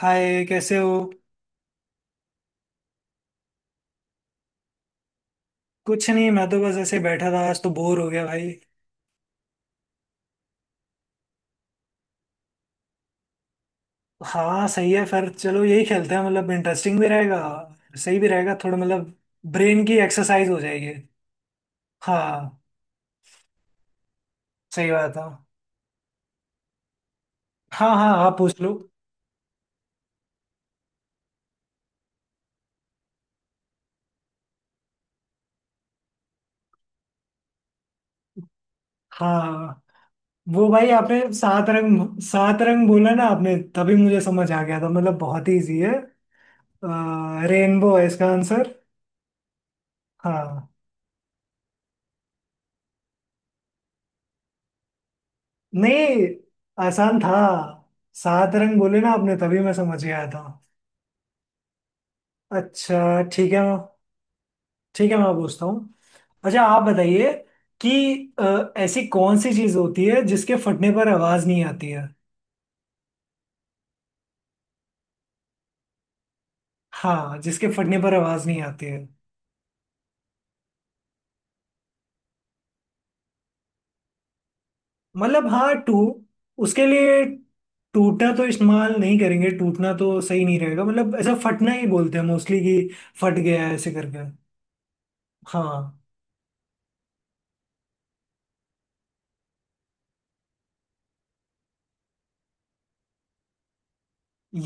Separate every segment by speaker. Speaker 1: हाय, कैसे हो। कुछ नहीं, मैं तो बस ऐसे ही बैठा था, आज तो बोर हो गया भाई। हाँ सही है, फिर चलो यही खेलते हैं, मतलब इंटरेस्टिंग भी रहेगा, सही भी रहेगा थोड़ा, मतलब ब्रेन की एक्सरसाइज हो जाएगी। हाँ, सही बात है। हाँ हाँ, आप पूछ लो। हाँ, वो भाई, आपने सात रंग बोला ना आपने, तभी मुझे समझ आ गया था, मतलब बहुत ही इजी है। रेनबो है इसका आंसर। हाँ। नहीं, आसान था, सात रंग बोले ना आपने, तभी मैं समझ गया था। अच्छा ठीक है। ठीक है, मैं पूछता हूँ। अच्छा आप बताइए कि ऐसी कौन सी चीज होती है जिसके फटने पर आवाज नहीं आती है। हाँ, जिसके फटने पर आवाज नहीं आती है। मतलब हाँ, टू उसके लिए, टूटना तो इस्तेमाल नहीं करेंगे, टूटना तो सही नहीं रहेगा, मतलब ऐसा फटना ही बोलते हैं मोस्टली, कि फट गया है ऐसे करके। हाँ।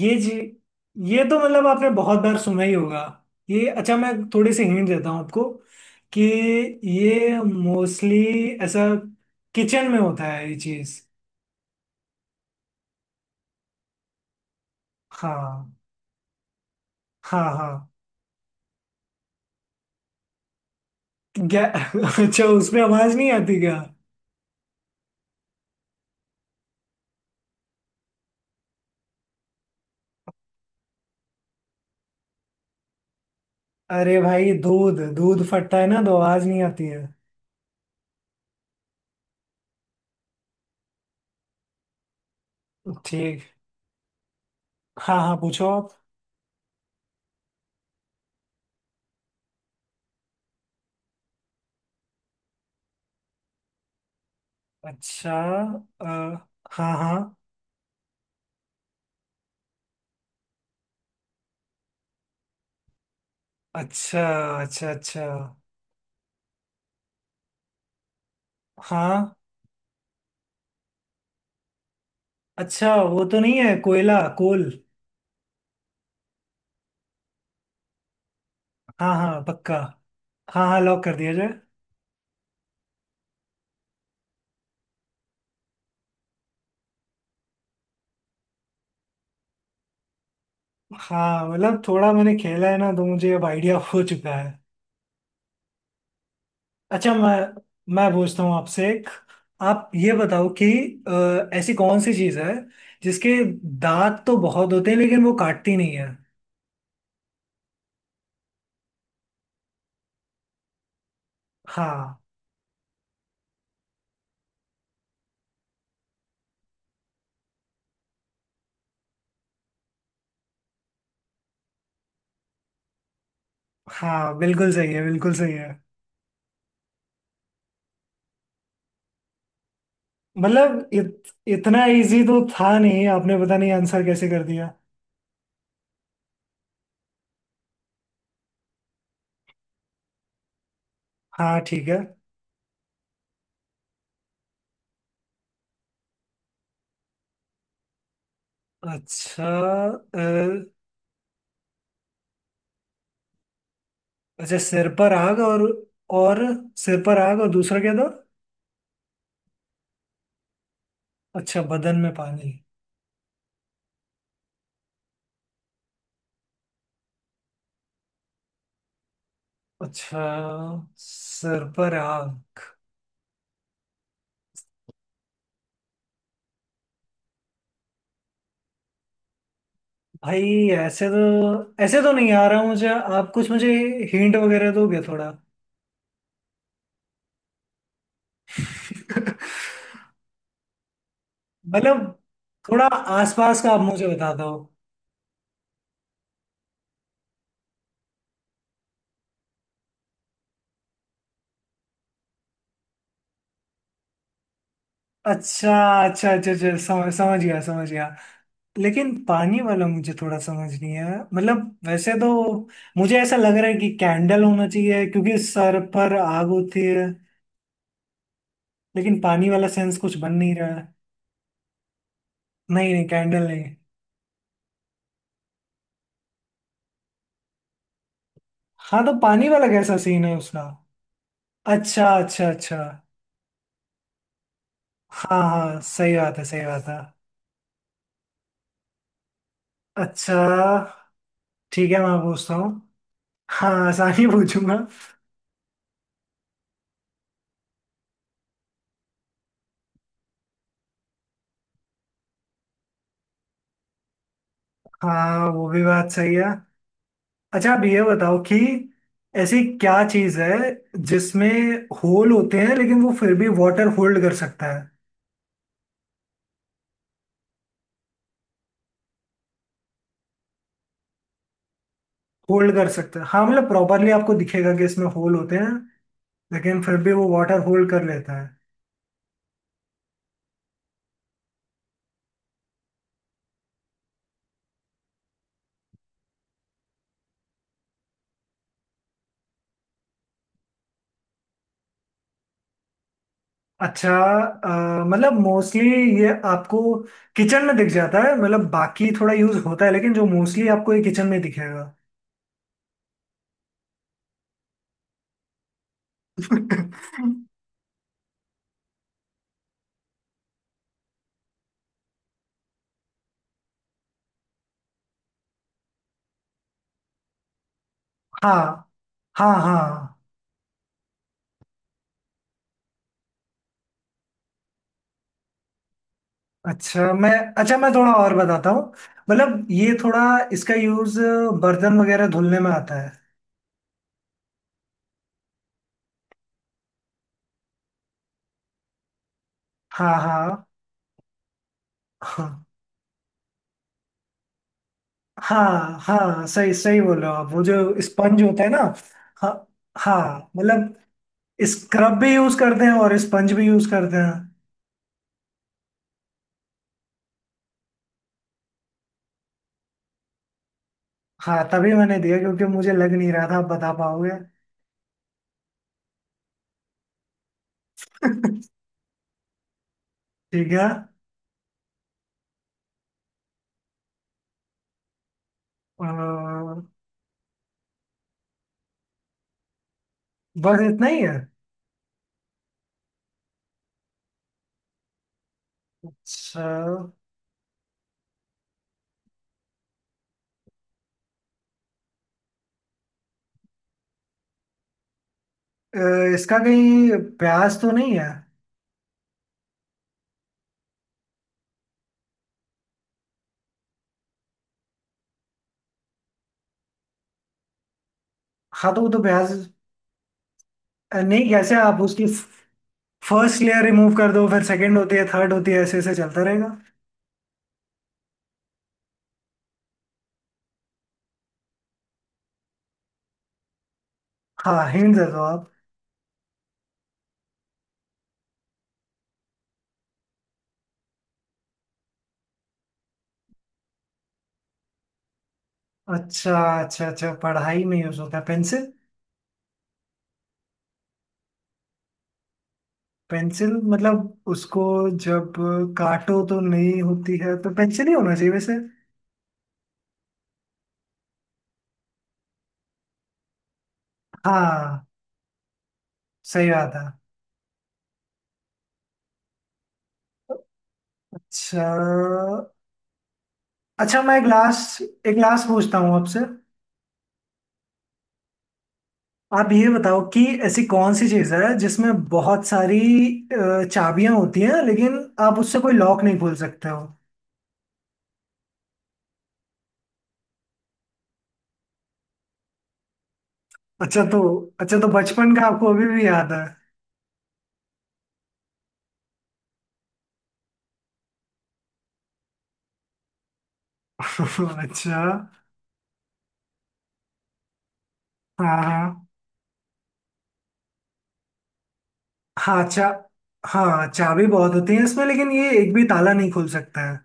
Speaker 1: ये जी, ये तो मतलब आपने बहुत बार सुना ही होगा। ये, अच्छा मैं थोड़ी सी हिंट देता हूँ आपको कि ये मोस्टली ऐसा किचन में होता है ये चीज हाँ हाँ हाँ। क्या अच्छा उसमें आवाज नहीं आती क्या। अरे भाई, दूध दूध फटता है ना तो आवाज नहीं आती है। ठीक। हाँ हाँ, पूछो आप। अच्छा। अ, हाँ हाँ। अच्छा अच्छा अच्छा। हाँ। अच्छा, वो तो नहीं है कोयला, कोल। हाँ हाँ पक्का। हाँ हाँ, लॉक कर दिया जाए। हाँ मतलब थोड़ा मैंने खेला है ना तो मुझे अब आइडिया हो चुका है। अच्छा, मैं पूछता हूँ आपसे एक। आप ये बताओ कि ऐसी कौन सी चीज़ है जिसके दांत तो बहुत होते हैं लेकिन वो काटती नहीं है। हाँ हाँ, बिल्कुल सही है, बिल्कुल सही है। मतलब इतना इजी तो था नहीं, आपने पता नहीं आंसर कैसे कर दिया। हाँ ठीक है। अच्छा। अच्छा, सिर पर आग, और। और सिर पर आग और दूसरा क्या था। अच्छा, बदन में पानी। अच्छा, सिर पर आग। भाई, ऐसे तो नहीं आ रहा मुझे, आप कुछ मुझे हिंट वगैरह दोगे थोड़ा। मतलब थोड़ा आसपास का आप मुझे बता दो। अच्छा। अच्छा अच्छा, अच्छा समझ समझ गया, समझ गया। लेकिन पानी वाला मुझे थोड़ा समझ नहीं है मतलब, वैसे तो मुझे ऐसा लग रहा है कि कैंडल होना चाहिए क्योंकि सर पर आग होती है, लेकिन पानी वाला सेंस कुछ बन नहीं रहा है। नहीं नहीं, कैंडल नहीं। हाँ, तो पानी वाला कैसा सीन है उसका। अच्छा अच्छा अच्छा। हाँ हाँ सही बात है, सही बात है। अच्छा। ठीक है, मैं पूछता हूँ। हाँ आसानी पूछूंगा। हाँ, वो भी बात सही है। अच्छा आप ये बताओ कि ऐसी क्या चीज है जिसमें होल होते हैं लेकिन वो फिर भी वाटर होल्ड कर सकता है। होल्ड कर सकता है, हाँ, मतलब प्रॉपरली आपको दिखेगा कि इसमें होल होते हैं, लेकिन फिर भी वो वाटर होल्ड कर लेता है। अच्छा, मतलब मोस्टली ये आपको किचन में दिख जाता है, मतलब बाकी थोड़ा यूज होता है लेकिन जो मोस्टली आपको ये किचन में दिखेगा। हाँ हाँ हाँ। अच्छा मैं, अच्छा मैं थोड़ा और बताता हूँ। मतलब ये थोड़ा, इसका यूज बर्तन वगैरह धुलने में आता है। हाँ हाँ। हाँ हाँ हाँ, सही सही बोल रहे हो आप, वो जो स्पंज होता है ना। हाँ हाँ, मतलब स्क्रब भी यूज करते हैं और स्पंज भी यूज करते हैं। हाँ, तभी मैंने दिया क्योंकि मुझे लग नहीं रहा था आप बता पाओगे। ठीक है। अ, बस इतना ही है। अच्छा, अ, इसका कहीं प्याज तो नहीं है। हाँ, तो वो तो प्याज, नहीं, कैसे आप उसकी फर्स्ट लेयर रिमूव कर दो, फिर सेकंड होती है, थर्ड होती है, ऐसे ऐसे चलता रहेगा। हाँ, हिंट दे दो आप। अच्छा। अच्छा अच्छा, पढ़ाई में यूज होता है, पेंसिल। पेंसिल, मतलब उसको जब काटो तो नहीं होती है, तो पेंसिल ही होना चाहिए वैसे। हाँ, सही बात है। अच्छा। अच्छा मैं एक लास्ट, एक लास्ट पूछता हूँ आपसे। आप ये बताओ कि ऐसी कौन सी चीज़ है जिसमें बहुत सारी चाबियां होती हैं, लेकिन आप उससे कोई लॉक नहीं खोल सकते हो। अच्छा तो, अच्छा तो बचपन का आपको अभी भी याद है। अच्छा। हाँ हाँ। हाँ चा हाँ चाबी बहुत होती है इसमें लेकिन ये एक भी ताला नहीं खोल सकता है।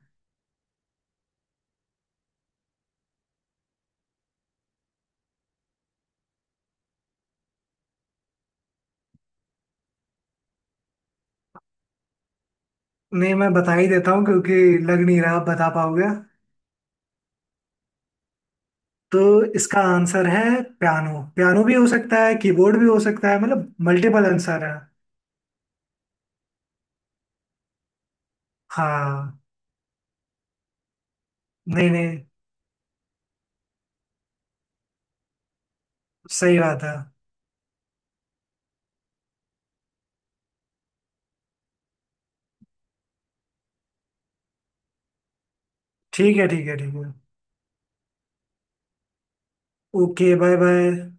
Speaker 1: नहीं, मैं बता ही देता हूँ क्योंकि लग नहीं रहा आप बता पाओगे। तो इसका आंसर है पियानो, पियानो भी हो सकता है, कीबोर्ड भी हो सकता है, मतलब मल्टीपल आंसर है। हाँ। नहीं नहीं। सही बात है। ठीक है ठीक है ठीक है। Okay, bye bye.